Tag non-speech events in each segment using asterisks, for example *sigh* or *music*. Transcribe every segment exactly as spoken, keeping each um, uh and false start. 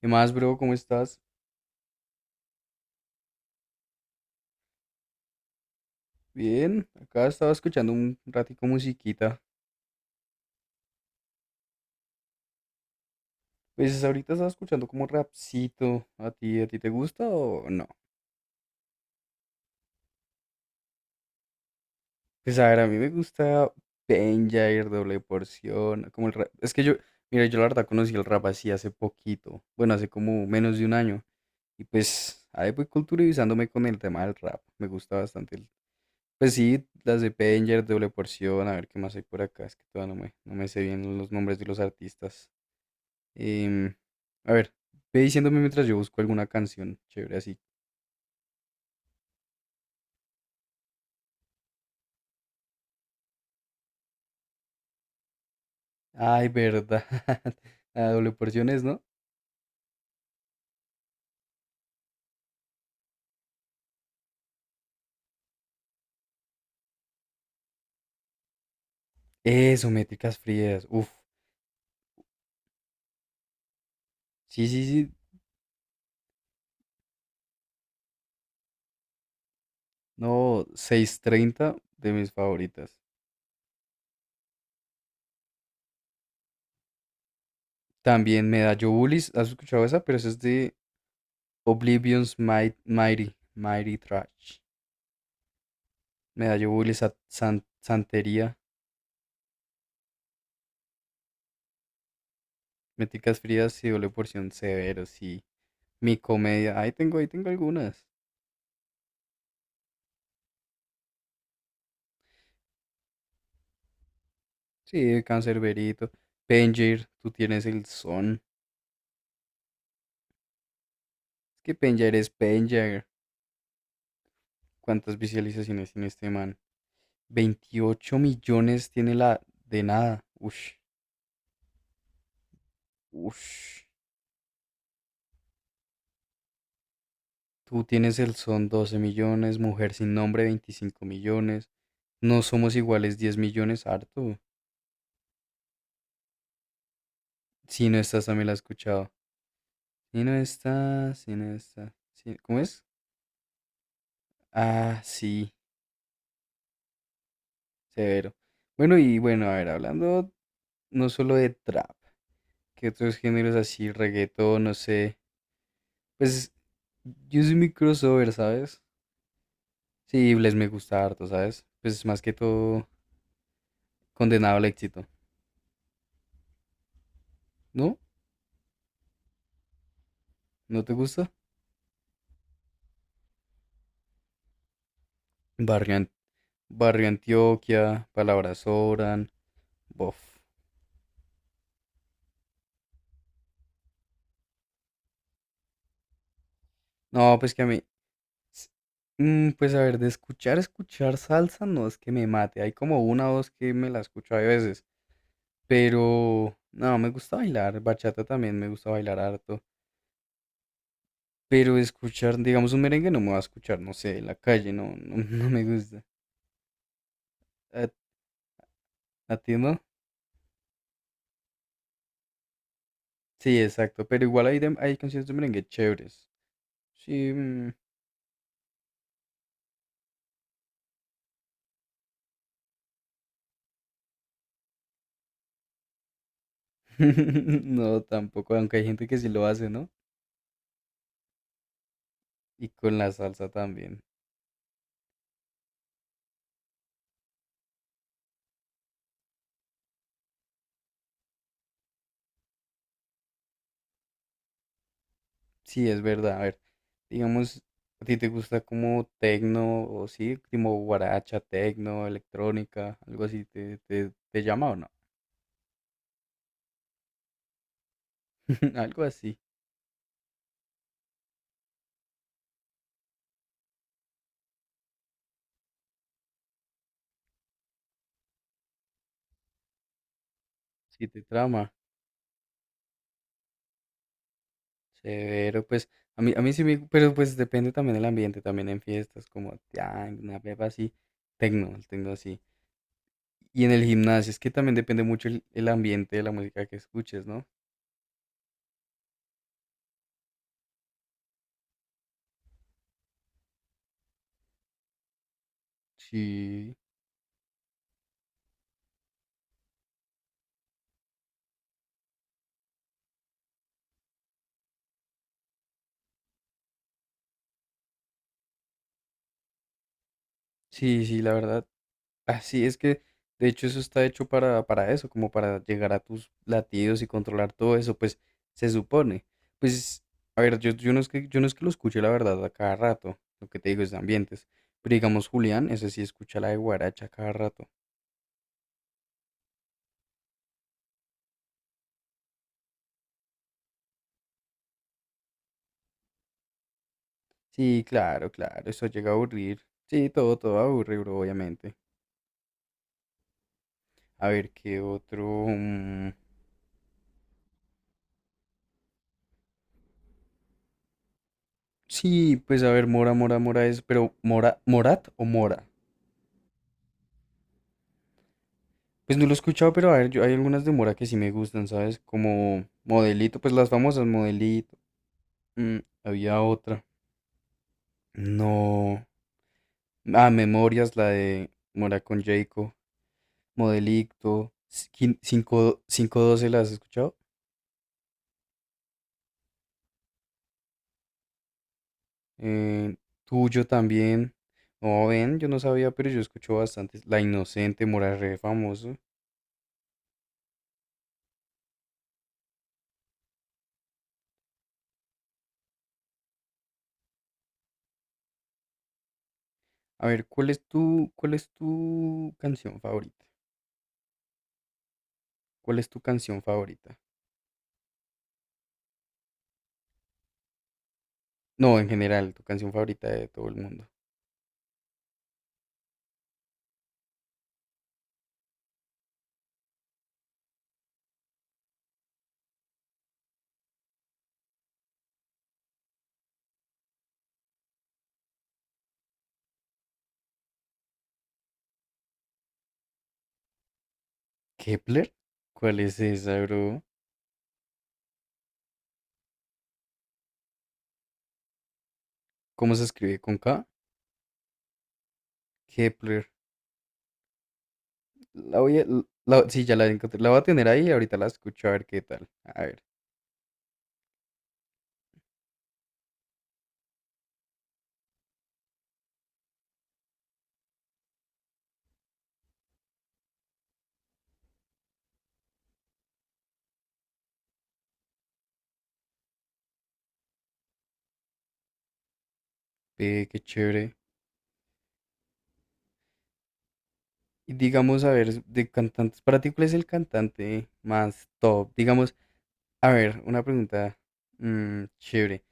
¿Qué más, bro? ¿Cómo estás? Bien, acá estaba escuchando un ratico musiquita. Pues ahorita estaba escuchando como rapcito. ¿A ti, a ti te gusta o no? Pues a ver, a mí me gusta Penjair, Doble Porción, como el rap. Es que yo, mira, yo la verdad conocí el rap así hace poquito. Bueno, hace como menos de un año. Y pues ahí voy culturizándome con el tema del rap. Me gusta bastante el... Pues sí, las de Penjair, Doble Porción, a ver qué más hay por acá. Es que todavía no me, no me sé bien los nombres de los artistas. Em, a ver, ve diciéndome mientras yo busco alguna canción chévere así. Ay, verdad. *laughs* La doble porción es, ¿no? Eso, métricas frías. Uf. Sí, sí, sí. No, seis treinta de mis favoritas. También Medallo Bullies. ¿Has escuchado esa? Pero esa es de Oblivion's Might- Mighty. Mighty Trash. Medallo Bullies, Sa- San- Santería. Métricas frías y doble porción severo, sí. Mi comedia. Ahí tengo, ahí tengo algunas. Sí, Cancerberito. Penger, tú tienes el son. Es que Penger es Penger. ¿Cuántas visualizaciones tiene este man? Veintiocho millones tiene la de nada. Ush, ush. Tú tienes el son doce millones, mujer sin nombre veinticinco millones. No somos iguales diez millones, harto. Si no estás, también la he escuchado. Si no estás, si no estás. si- ¿Cómo es? Ah, sí, severo. Bueno, y bueno, a ver, hablando no solo de trap. ¿Qué otros géneros así? Reggaetón, no sé. Pues yo soy muy crossover, ¿sabes? Sí, les me gusta harto, ¿sabes? Pues más que todo condenado al éxito. ¿No? ¿No te gusta? Barrio, An- Barrio Antioquia, Palabras Sobran, bof. No, pues que a mí... s- mm, pues a ver, de escuchar, escuchar salsa no es que me mate. Hay como una o dos que me la escucho a veces. Pero... No, me gusta bailar. Bachata también me gusta bailar harto. Pero escuchar, digamos, un merengue no me va a escuchar, no sé, en la calle, no, no, *laughs* no me gusta. ¿A, a ti no? Sí, exacto, pero igual hay, de- hay canciones de merengue chéveres. Sí, mm, *laughs* no, tampoco, aunque hay gente que sí lo hace, ¿no? Y con la salsa también. Sí, es verdad, a ver, digamos, ¿a ti te gusta como tecno o sí, como guaracha, tecno, electrónica, algo así, te, te, te llama o no? *laughs* Algo así, sí te trama. Severo, pues a mí, a mí sí me, pero pues depende también del ambiente, también en fiestas, como ya, en una pepa así, tecno, el tecno así. Y en el gimnasio, es que también depende mucho el, el ambiente de la música que escuches, ¿no? Sí, sí, sí, la verdad. Así es que, de hecho, eso está hecho para, para eso, como para llegar a tus latidos y controlar todo eso, pues se supone. Pues, a ver, yo, yo no es que, yo no es que lo escuche, la verdad, a cada rato, lo que te digo es de ambientes. Pero digamos, Julián, ese sí escucha la de guaracha a cada rato. Sí, claro, claro, eso llega a aburrir. Sí, todo, todo aburre, bro, obviamente. A ver, ¿qué otro? Mm, sí, pues a ver, Mora, Mora, Mora es, pero Mora, Morat o Mora. Pues no lo he escuchado, pero a ver, yo hay algunas de Mora que sí me gustan, ¿sabes? Como Modelito, pues las famosas Modelito. Mm, había otra. No. Ah, Memorias, la de Mora con Jayco. Modelito. cinco doce, ¿las has escuchado? eh, tuyo también. No, ven, yo no sabía, pero yo escucho bastante. La Inocente, Moral re famoso. A ver, ¿cuál es tu, cuál es tu canción favorita? ¿Cuál es tu canción favorita? No, en general, tu canción favorita de todo el mundo. ¿Kepler? ¿Cuál es esa, bro? ¿Cómo se escribe? ¿Con K? Kepler. La voy a, la- sí, ya la encontré. La voy a tener ahí y ahorita la escucho a ver qué tal. A ver. Ve, qué chévere. Y digamos, a ver, de cantantes, para ti, ¿cuál es el cantante más top? Digamos, a ver, una pregunta mm, chévere.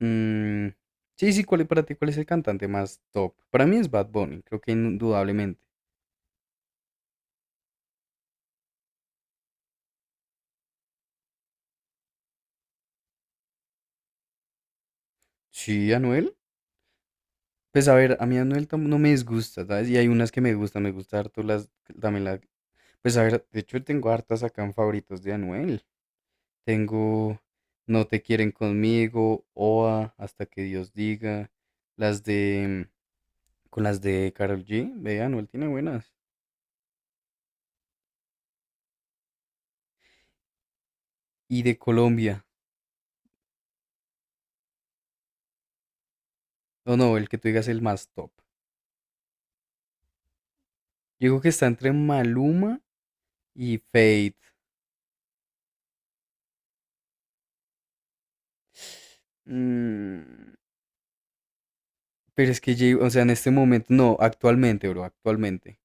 Mm, sí, sí, ¿cuál, para ti cuál es el cantante más top? Para mí es Bad Bunny, creo que indudablemente. Sí, Anuel. Pues a ver, a mí Anuel tam- no me disgusta, ¿sabes? Y hay unas que me gustan, me gusta harto las, también la- Pues a ver, de hecho tengo hartas acá en favoritos de Anuel. Tengo No te quieren conmigo, o a Hasta que Dios diga, las de... Con las de Karol G, ve, Anuel tiene buenas. Y de Colombia. No, no, el que tú digas el más top. Yo digo que está entre Maluma y Fate. Mm, pero es que, J- o sea, en este momento, no, actualmente, bro, actualmente.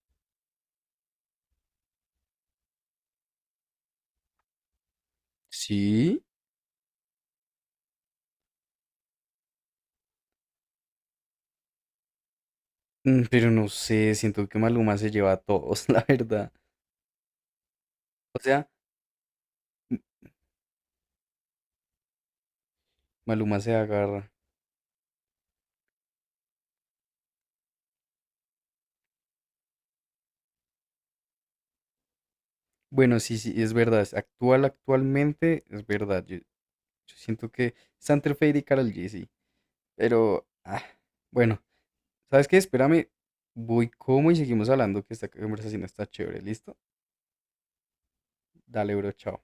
Sí, mm, pero no sé, siento que Maluma se lleva a todos, *laughs* la verdad. O sea, M- Maluma se agarra. Bueno, sí, sí, es verdad, es actual, actualmente, es verdad. Yo, yo siento que está entre Fate y Karol G, sí. Pero, ah, bueno, ¿sabes qué? Espérame, voy como y seguimos hablando, que esta conversación está chévere. ¿Listo? Dale, bro, chao.